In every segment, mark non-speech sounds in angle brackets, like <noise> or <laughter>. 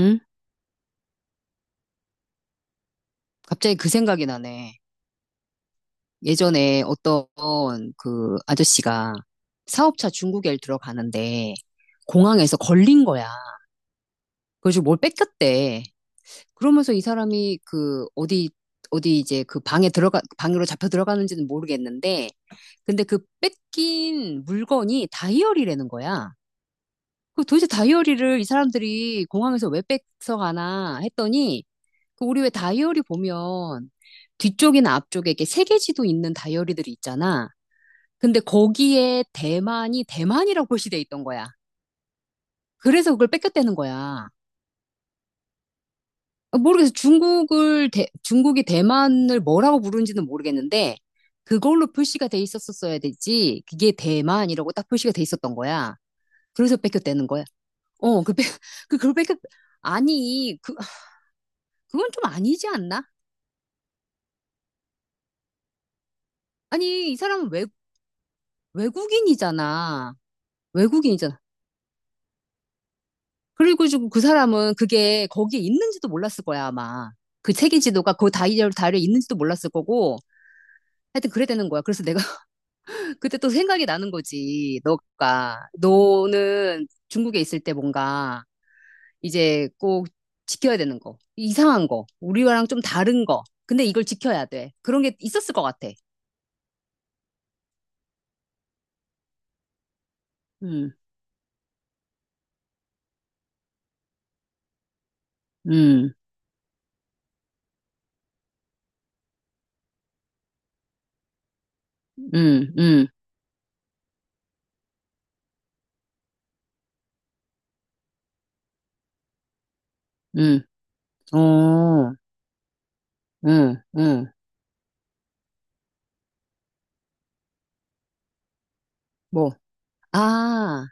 응? 갑자기 그 생각이 나네. 예전에 어떤 그 아저씨가 사업차 중국에 들어가는데 공항에서 걸린 거야. 그래서고뭘 뺏겼대. 그러면서 이 사람이 그 어디 어디 이제 그 방에 들어가 방으로 잡혀 들어가는지는 모르겠는데 근데 그 뺏긴 물건이 다이어리라는 거야. 그 도대체 다이어리를 이 사람들이 공항에서 왜 뺏어 가나 했더니 그 우리 왜 다이어리 보면 뒤쪽이나 앞쪽에 이렇게 세계지도 있는 다이어리들이 있잖아. 근데 거기에 대만이 대만이라고 <laughs> 표시돼 있던 거야. 그래서 그걸 뺏겼다는 거야. 아, 모르겠어. 중국을 중국이 대만을 뭐라고 부르는지는 모르겠는데 그걸로 표시가 돼 있었었어야 되지. 그게 대만이라고 딱 표시가 돼 있었던 거야. 그래서 뺏겼다는 거야. 어, 그, 뺏, 그, 그걸 뺏겼, 아니, 그, 그건 좀 아니지 않나? 아니, 이 사람은 외, 외국인이잖아. 외국인이잖아. 그리고 지금 그 사람은 그게 거기에 있는지도 몰랐을 거야, 아마. 그 책임 지도가 그 다이어리에 있는지도 몰랐을 거고. 하여튼 그래 되는 거야. 그래서 내가 <laughs> 그때 또 생각이 나는 거지. 너가. 너는 중국에 있을 때 뭔가 이제 꼭 지켜야 되는 거. 이상한 거. 우리와랑 좀 다른 거. 근데 이걸 지켜야 돼. 그런 게 있었을 것 같아. 음, 음, 음, 음, 음. 어, 음, 음. 뭐. 아,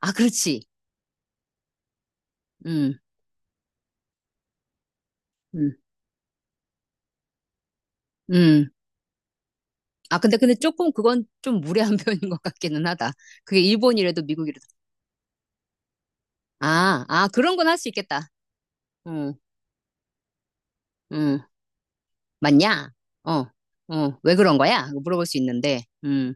아, 그렇지. 음, 음. 음, 아, 근데 조금 그건 좀 무례한 <laughs> 표현인 것 같기는 하다. 그게 일본이라도 미국이라도. 아, 아, 그런 건 할 수 있겠다. 응, 응, 맞냐? 어, 어, 왜 그런 거야? 이거 물어볼 수 있는데.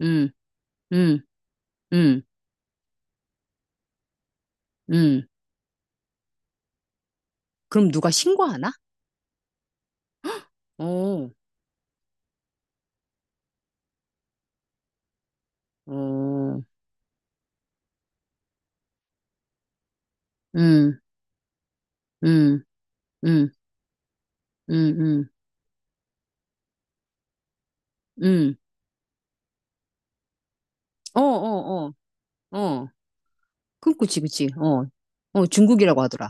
음, 음, 음, 음. 그럼 누가 신고하나? 어, 어, 음, 음, 음, 음, 음, 음. 어, 어, 어, 어. 그, 그치, 그치. 어, 어, 중국이라고 하더라.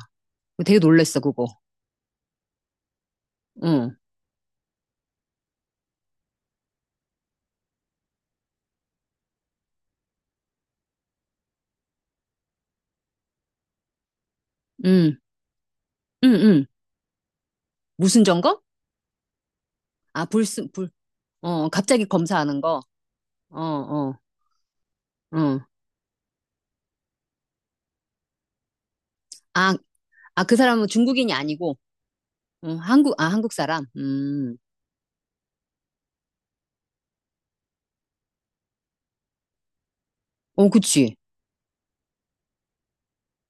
되게 놀랬어, 그거. 응, 음음 음 무슨 점검? 아, 불순, 불, 어, 갑자기 검사하는 거. 어, 어, 어. 아, 아, 그 사람은 중국인이 아니고, 아, 한국 사람. 어, 그치.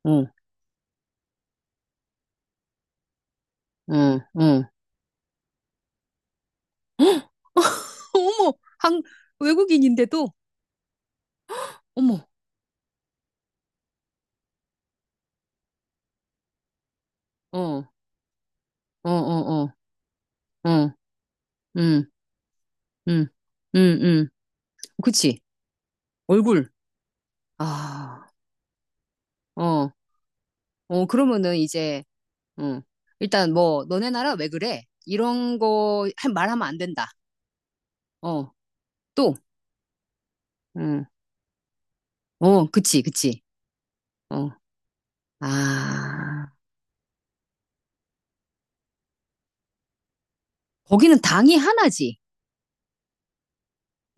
어, 어, 어. <gasps> 헉! <laughs> 어머, 한, 외국인인데도, 어머, 어, 어, 어, 어, 어, 음, 음, 음, 음. 그치. 얼굴. 아, 어, 어, 그러면은 이제, 어, 일단 뭐, 너네 나라 왜 그래? 이런 거 말하면 안 된다. 어, 또, 음. 어, 그치, 그치. 어, 아, 거기는 당이 하나지.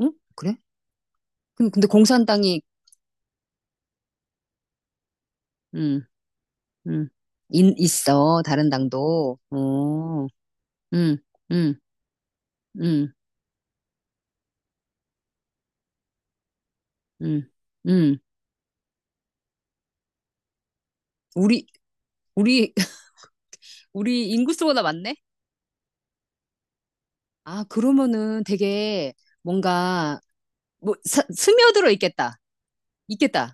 응? 그래? 근데 공산당이, 음, 음, 인, 있어. 다른 당도. 어, 음, 음, 음, 음, 음. 우리, 우리, <laughs> 우리 인구수보다 많네? 아, 그러면은 되게 뭔가, 뭐, 스며들어 있겠다. 있겠다.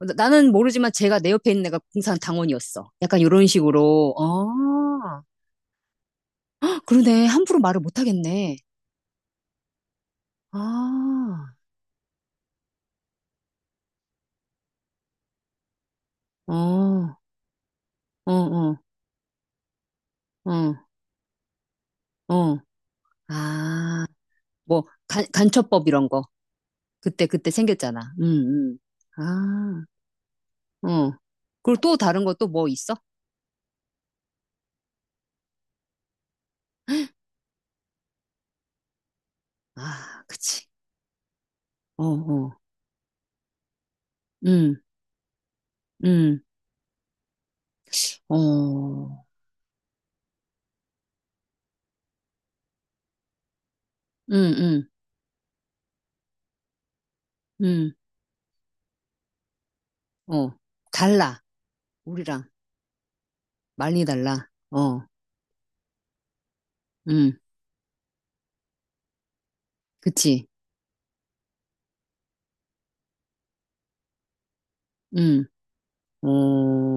나는 모르지만 제가 내 옆에 있는 애가 공산당원이었어. 약간 이런 식으로. 아 <gasps> 그러네. 함부로 말을 못하겠네. 아, 어, 어, 어, 어, 어. 아, 뭐, 간, 간첩법 이런 거. 그때, 그때 생겼잖아. 아, 어. 그리고 또 다른 거 또 뭐 있어? 아, 그치. 어, 어. 음, 음, 어. 음, 음, 음. 어. 달라. 우리랑. 많이 달라. 어, 음. 그치. 음, 어,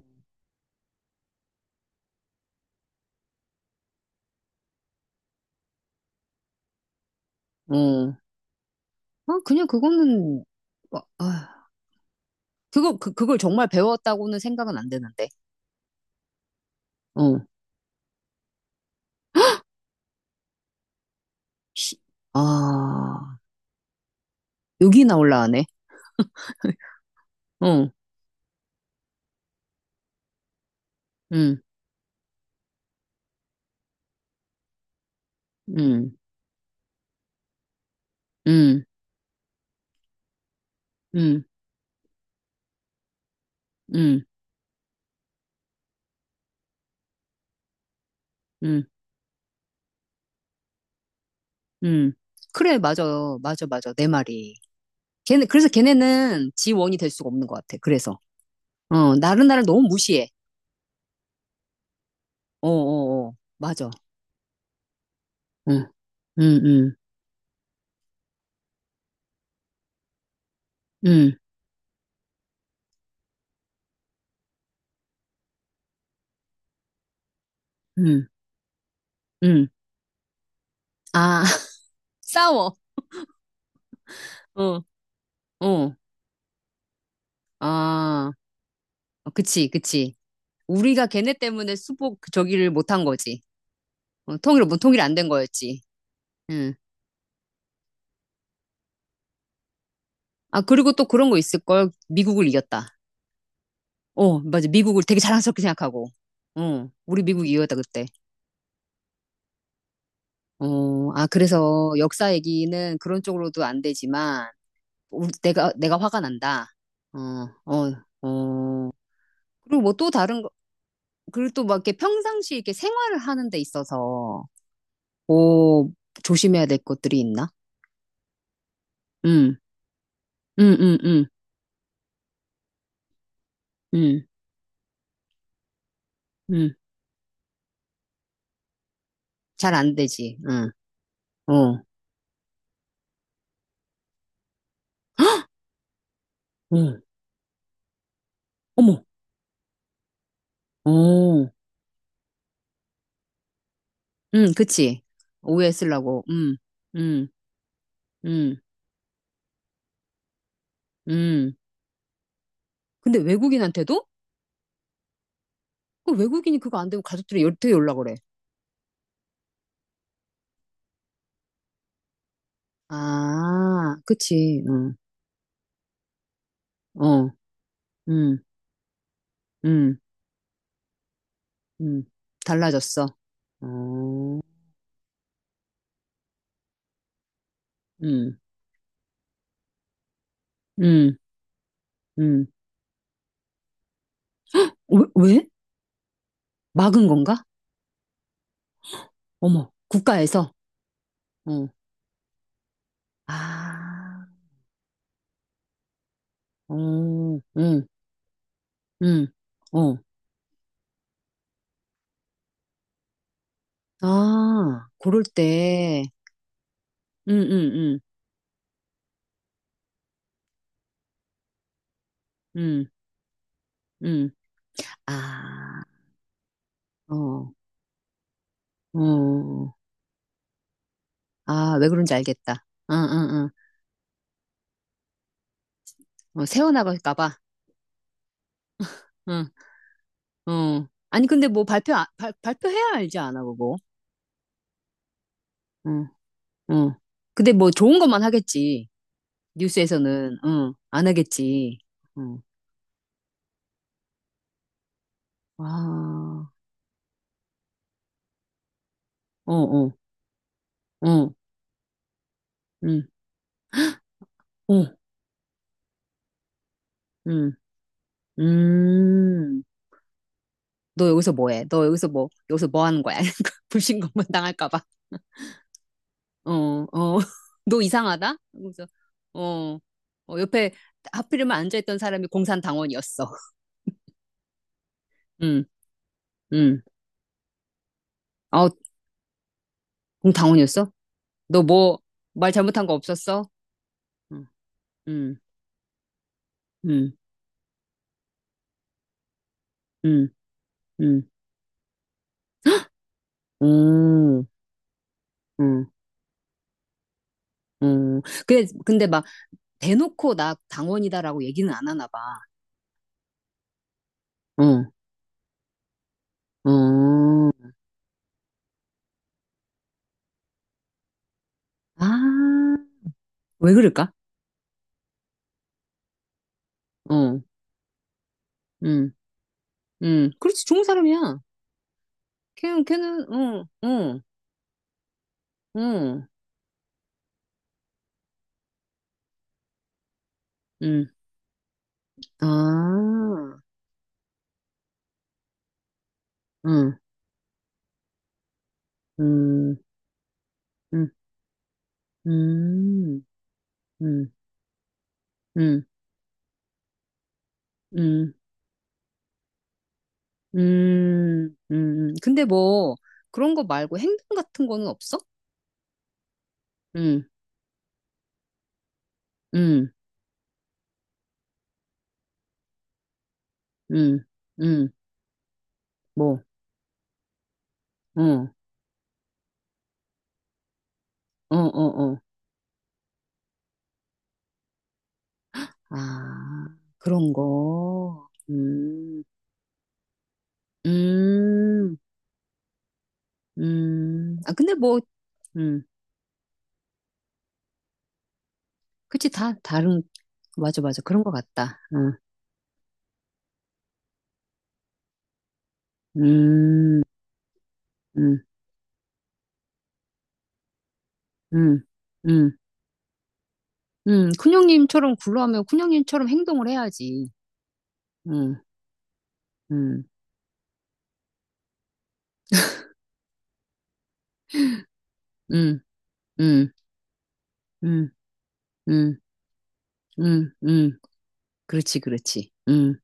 어. 아, 그냥 그거는, 어, 아. 그거, 그, 그걸 정말 배웠다고는 생각은 안 되는데. 어. 시- 아, 여기나 올라가네. 어, 음, 음, 음, 음, 음, 음, 음. 그래, 맞아. 맞아, 맞아. 내 말이. 걔네, 그래서 걔네는 지원이 될 수가 없는 것 같아. 그래서. 어, 나른 나를 너무 무시해. 어, 어, 어. 맞아. 응, 응, 응, 응, 응, 응. 아, <laughs> 싸워. 어, 어. 아, 어, 그치, 그치. 우리가 걔네 때문에 수복 그 저기를 못한 거지. 어, 통일, 뭐 통일 안 된 거였지. 응. 아, 그리고 또 그런 거 있을걸. 미국을 이겼다. 어, 맞아. 미국을 되게 자랑스럽게 생각하고. 어, 우리 미국 이겼다, 그때. 어, 아, 그래서 역사 얘기는 그런 쪽으로도 안 되지만, 우 내가, 내가 화가 난다. 어, 어, 어. 그리고 뭐 또 다른 거, 그리고 또 막 이렇게 평상시 이렇게 생활을 하는 데 있어서, 오, 조심해야 될 것들이 있나? 응, 응, 응, 응, 응, 응. 잘 안 되지. 응. 어. 응. 어머. 어. 응, 그치. 오해 쓰려고. 응. 응. 응. 응. 근데 외국인한테도? 그 외국인이 그거 안 되면 가족들이 되게 연락 그래. 아, 그치. 응. 어. 응. 응. 응. 달라졌어. 어. 응. 응. 응. 왜? 왜? 막은 건가? 어머. 국가에서. 어. 아. 어. 응. 응. 어. 아, 고를 때, 음, 음, 음, 음, 음. 아, 어, 어. 아, 왜 그런지 알겠다. 응, 응, 응. 어, 세워나갈까 봐. 응, 어. 아니, 근데 뭐 발표, 발, 발표해야 알지 않아, 그거. 응, 응. 근데 뭐 좋은 것만 하겠지. 뉴스에서는, 응, 안 하겠지. 응. 와, 어, 어, 어, 응, 어, 응, 음. 너 여기서 뭐 해? 너 여기서 뭐, 여기서 뭐 하는 거야? <laughs> 불신검문 당할까 봐. 어, 어, <laughs> 너 이상하다? 그래서, 어, 어, 옆에 하필이면 앉아있던 사람이 공산당원이었어. 응, 응. 아, 공당원이었어? 너 뭐, 말 잘못한 거 없었어? 응, 응, 응, 응, 응, 응, 응, 응. 근데 막, 대놓고 나 당원이다라고 얘기는 안 하나 봐. 응, 응. 아, 왜 그럴까? 응, 응. 그렇지, 좋은 사람이야. 걔는, 걔는, 응, 응. 아, 응, 음, 음, 음, 음, 음, 음, 근데 뭐, 그런 거 말고 행동 같은 거는 없어? 응, 응, 응, 응, 뭐, 어, 어, 어, 어. 아, 그런 거. 음, 아, 근데 뭐, 그치, 다 다른, 맞아, 맞아. 그런 것 같다. 응. 음, 음, 음, 음, 큰형님처럼 굴러하면 큰형님처럼 행동을 해야지. 음, 음, 음, 음, 음, 음, 음, 음. 그렇지, 그렇지. 음.